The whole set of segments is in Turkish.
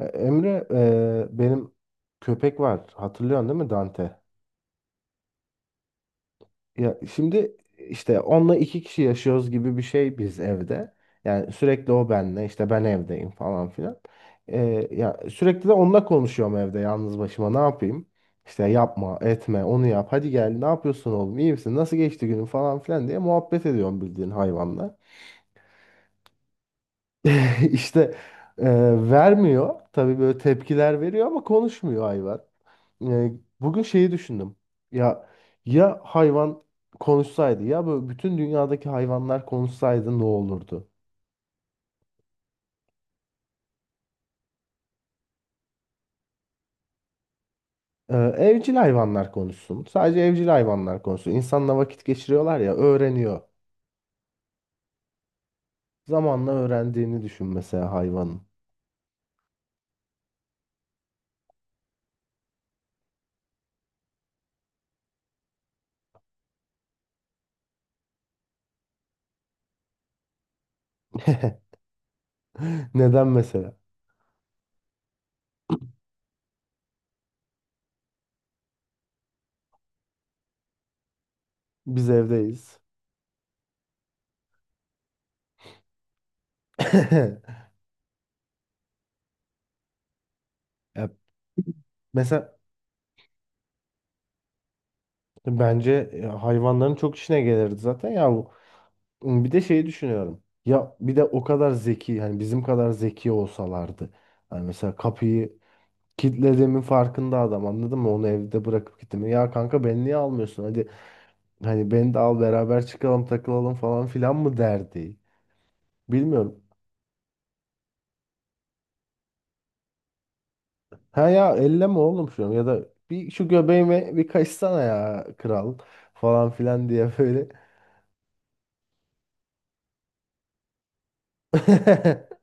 Emre, benim köpek var. Hatırlıyorsun değil mi Dante? Ya şimdi işte onunla iki kişi yaşıyoruz gibi bir şey biz evde. Yani sürekli o benle, işte ben evdeyim falan filan. Ya sürekli de onunla konuşuyorum evde yalnız başıma. Ne yapayım? İşte yapma, etme, onu yap. Hadi gel, ne yapıyorsun oğlum? İyi misin? Nasıl geçti günün falan filan diye muhabbet ediyorum bildiğin hayvanla. İşte e, vermiyor. Tabii böyle tepkiler veriyor ama konuşmuyor hayvan. E, Bugün şeyi düşündüm. Ya ya hayvan konuşsaydı ya böyle bütün dünyadaki hayvanlar konuşsaydı ne olurdu? Evcil hayvanlar konuşsun. Sadece evcil hayvanlar konuşsun. İnsanla vakit geçiriyorlar ya öğreniyor. Zamanla öğrendiğini düşün mesela hayvanın. Neden mesela? Biz evdeyiz. Ya mesela bence hayvanların çok işine gelirdi zaten ya. Bir de şeyi düşünüyorum. Ya bir de o kadar zeki hani bizim kadar zeki olsalardı. Hani mesela kapıyı kilitlediğimin farkında adam anladın mı? Onu evde bırakıp gittim. Ya kanka beni niye almıyorsun? Hadi hani beni de al beraber çıkalım takılalım falan filan mı derdi. Bilmiyorum. Ha ya elleme oğlum şunu ya da bir şu göbeğime bir kaçsana ya kral falan filan diye böyle.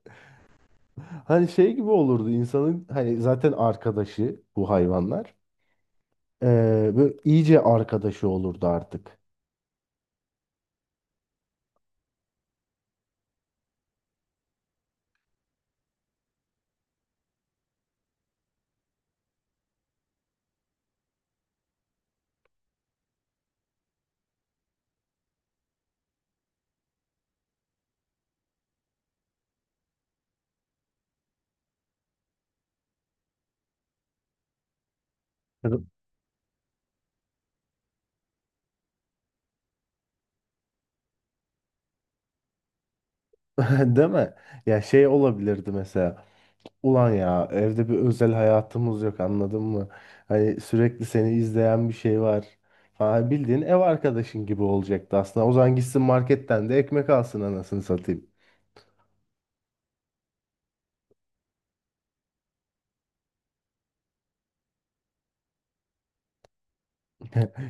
Hani şey gibi olurdu insanın hani zaten arkadaşı bu hayvanlar. Böyle iyice arkadaşı olurdu artık. Değil mi? Ya şey olabilirdi mesela. Ulan ya evde bir özel hayatımız yok anladın mı? Hani sürekli seni izleyen bir şey var. Falan bildiğin ev arkadaşın gibi olacaktı aslında. O zaman gitsin marketten de ekmek alsın anasını satayım.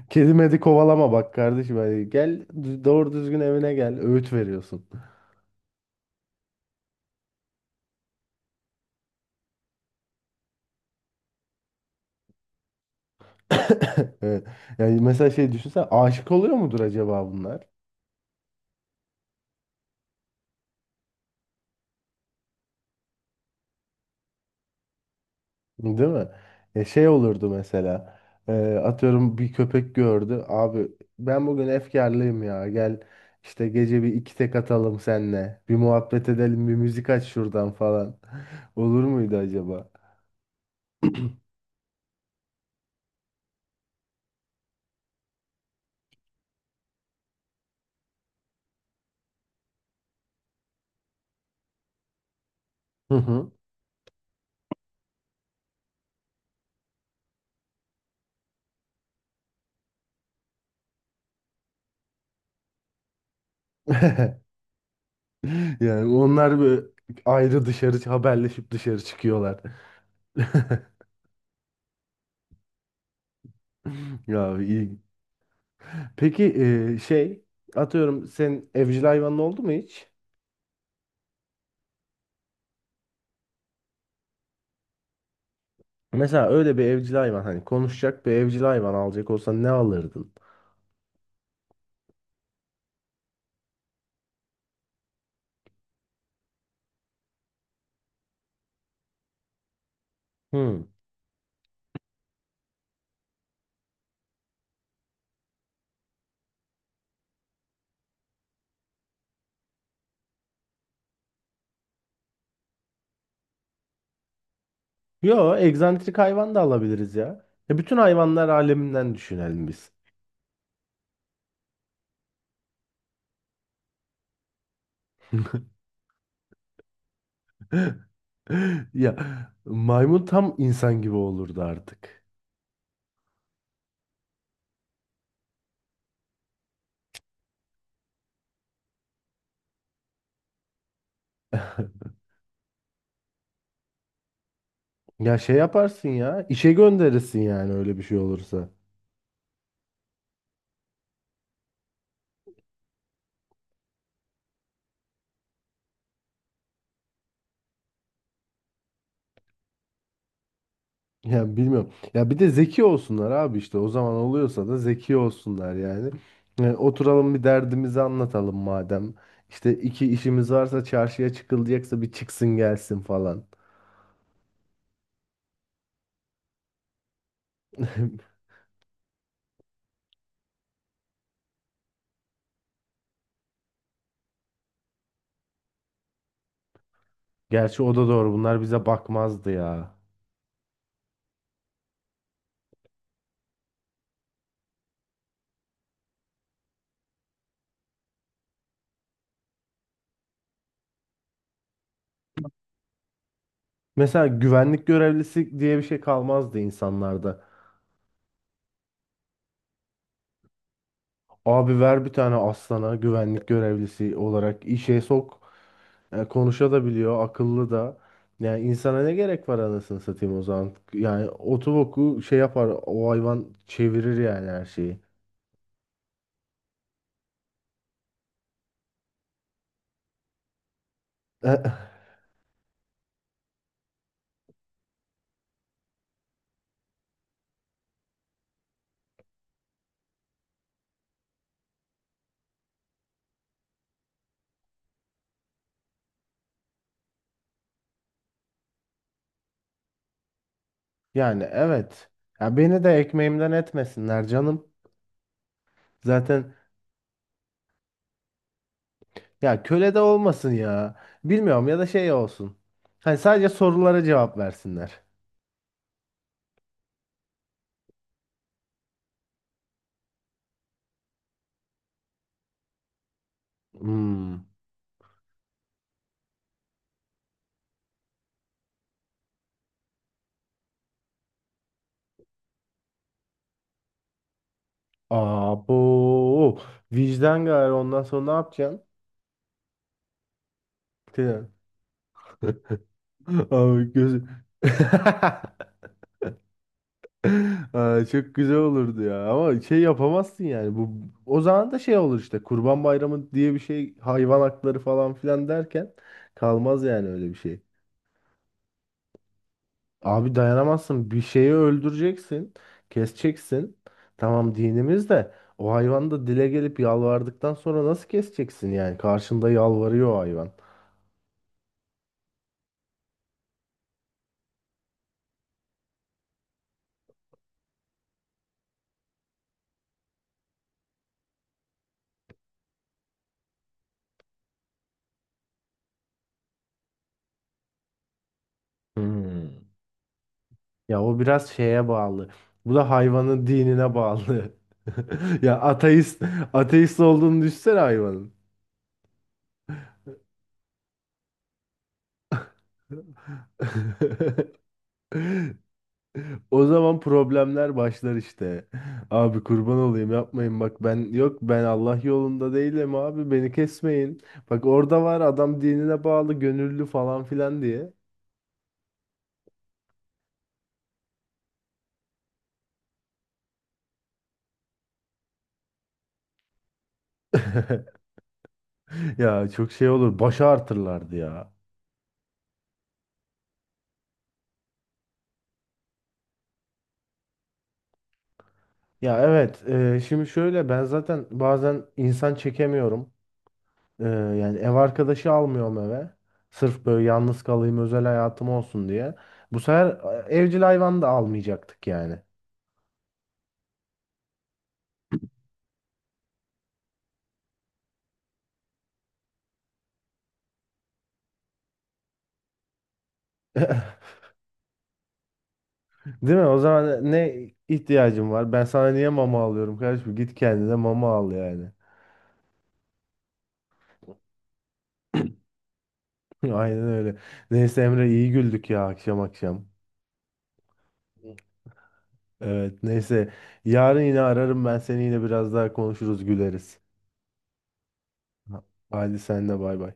Kedi medi kovalama bak kardeşim. Hani gel doğru düzgün evine gel. Öğüt veriyorsun. Evet. Yani mesela şey düşünsen aşık oluyor mudur acaba bunlar? Değil mi? Ya şey olurdu mesela. e, Atıyorum bir köpek gördü. Abi ben bugün efkarlıyım ya. Gel işte gece bir iki tek atalım senle. Bir muhabbet edelim, bir müzik aç şuradan falan. Olur muydu acaba? Hı hı. Yani onlar bir ayrı dışarı haberleşip dışarı çıkıyorlar. Ya iyi. Peki şey, atıyorum sen evcil hayvanın oldu mu hiç? Mesela öyle bir evcil hayvan hani konuşacak bir evcil hayvan alacak olsan ne alırdın? Hmm. Yo, egzantrik hayvan da alabiliriz ya. Ya bütün hayvanlar aleminden düşünelim biz. Ya maymun tam insan gibi olurdu artık. Ya şey yaparsın ya, işe gönderirsin yani öyle bir şey olursa. Ya bilmiyorum. Ya bir de zeki olsunlar abi işte o zaman oluyorsa da zeki olsunlar yani. Oturalım bir derdimizi anlatalım madem. İşte iki işimiz varsa çarşıya çıkılacaksa bir çıksın gelsin falan. Gerçi o da doğru bunlar bize bakmazdı ya. Mesela güvenlik görevlisi diye bir şey kalmazdı insanlarda. Abi ver bir tane aslana güvenlik görevlisi olarak işe sok. Konuşabiliyor, akıllı da. Yani insana ne gerek var anasını satayım o zaman. Yani otoboku şey yapar, o hayvan çevirir yani her şeyi. E, Yani evet. Ya beni de ekmeğimden etmesinler canım. Zaten ya köle de olmasın ya. Bilmiyorum ya da şey olsun. Hani sadece sorulara cevap versinler. Hmm. Abo. Vicdan gari ondan sonra ne yapacaksın? Abi gözü. Aa, çok güzel olurdu ya ama şey yapamazsın yani bu o zaman da şey olur işte Kurban Bayramı diye bir şey hayvan hakları falan filan derken kalmaz yani öyle bir şey. Abi dayanamazsın bir şeyi öldüreceksin keseceksin tamam dinimiz de o hayvan da dile gelip yalvardıktan sonra nasıl keseceksin yani karşında yalvarıyor o hayvan. Hmm. Ya o biraz şeye bağlı. Bu da hayvanın dinine bağlı. Ya ateist olduğunu düşünsene hayvanın. O zaman problemler başlar işte. Abi kurban olayım yapmayın bak ben yok ben Allah yolunda değilim abi beni kesmeyin. Bak orada var adam dinine bağlı gönüllü falan filan diye. Ya çok şey olur başa artırlardı ya. Ya evet şimdi şöyle ben zaten bazen insan çekemiyorum. Yani ev arkadaşı almıyorum eve. Sırf böyle yalnız kalayım özel hayatım olsun diye. Bu sefer evcil hayvan da almayacaktık yani. Değil mi? O zaman ne ihtiyacım var? Ben sana niye mama alıyorum kardeşim? Git kendine mama al yani. Aynen öyle. Neyse Emre iyi güldük ya akşam akşam. Evet neyse. Yarın yine ararım ben seni yine biraz daha konuşuruz güleriz. Ha- Hadi sen de bay bay.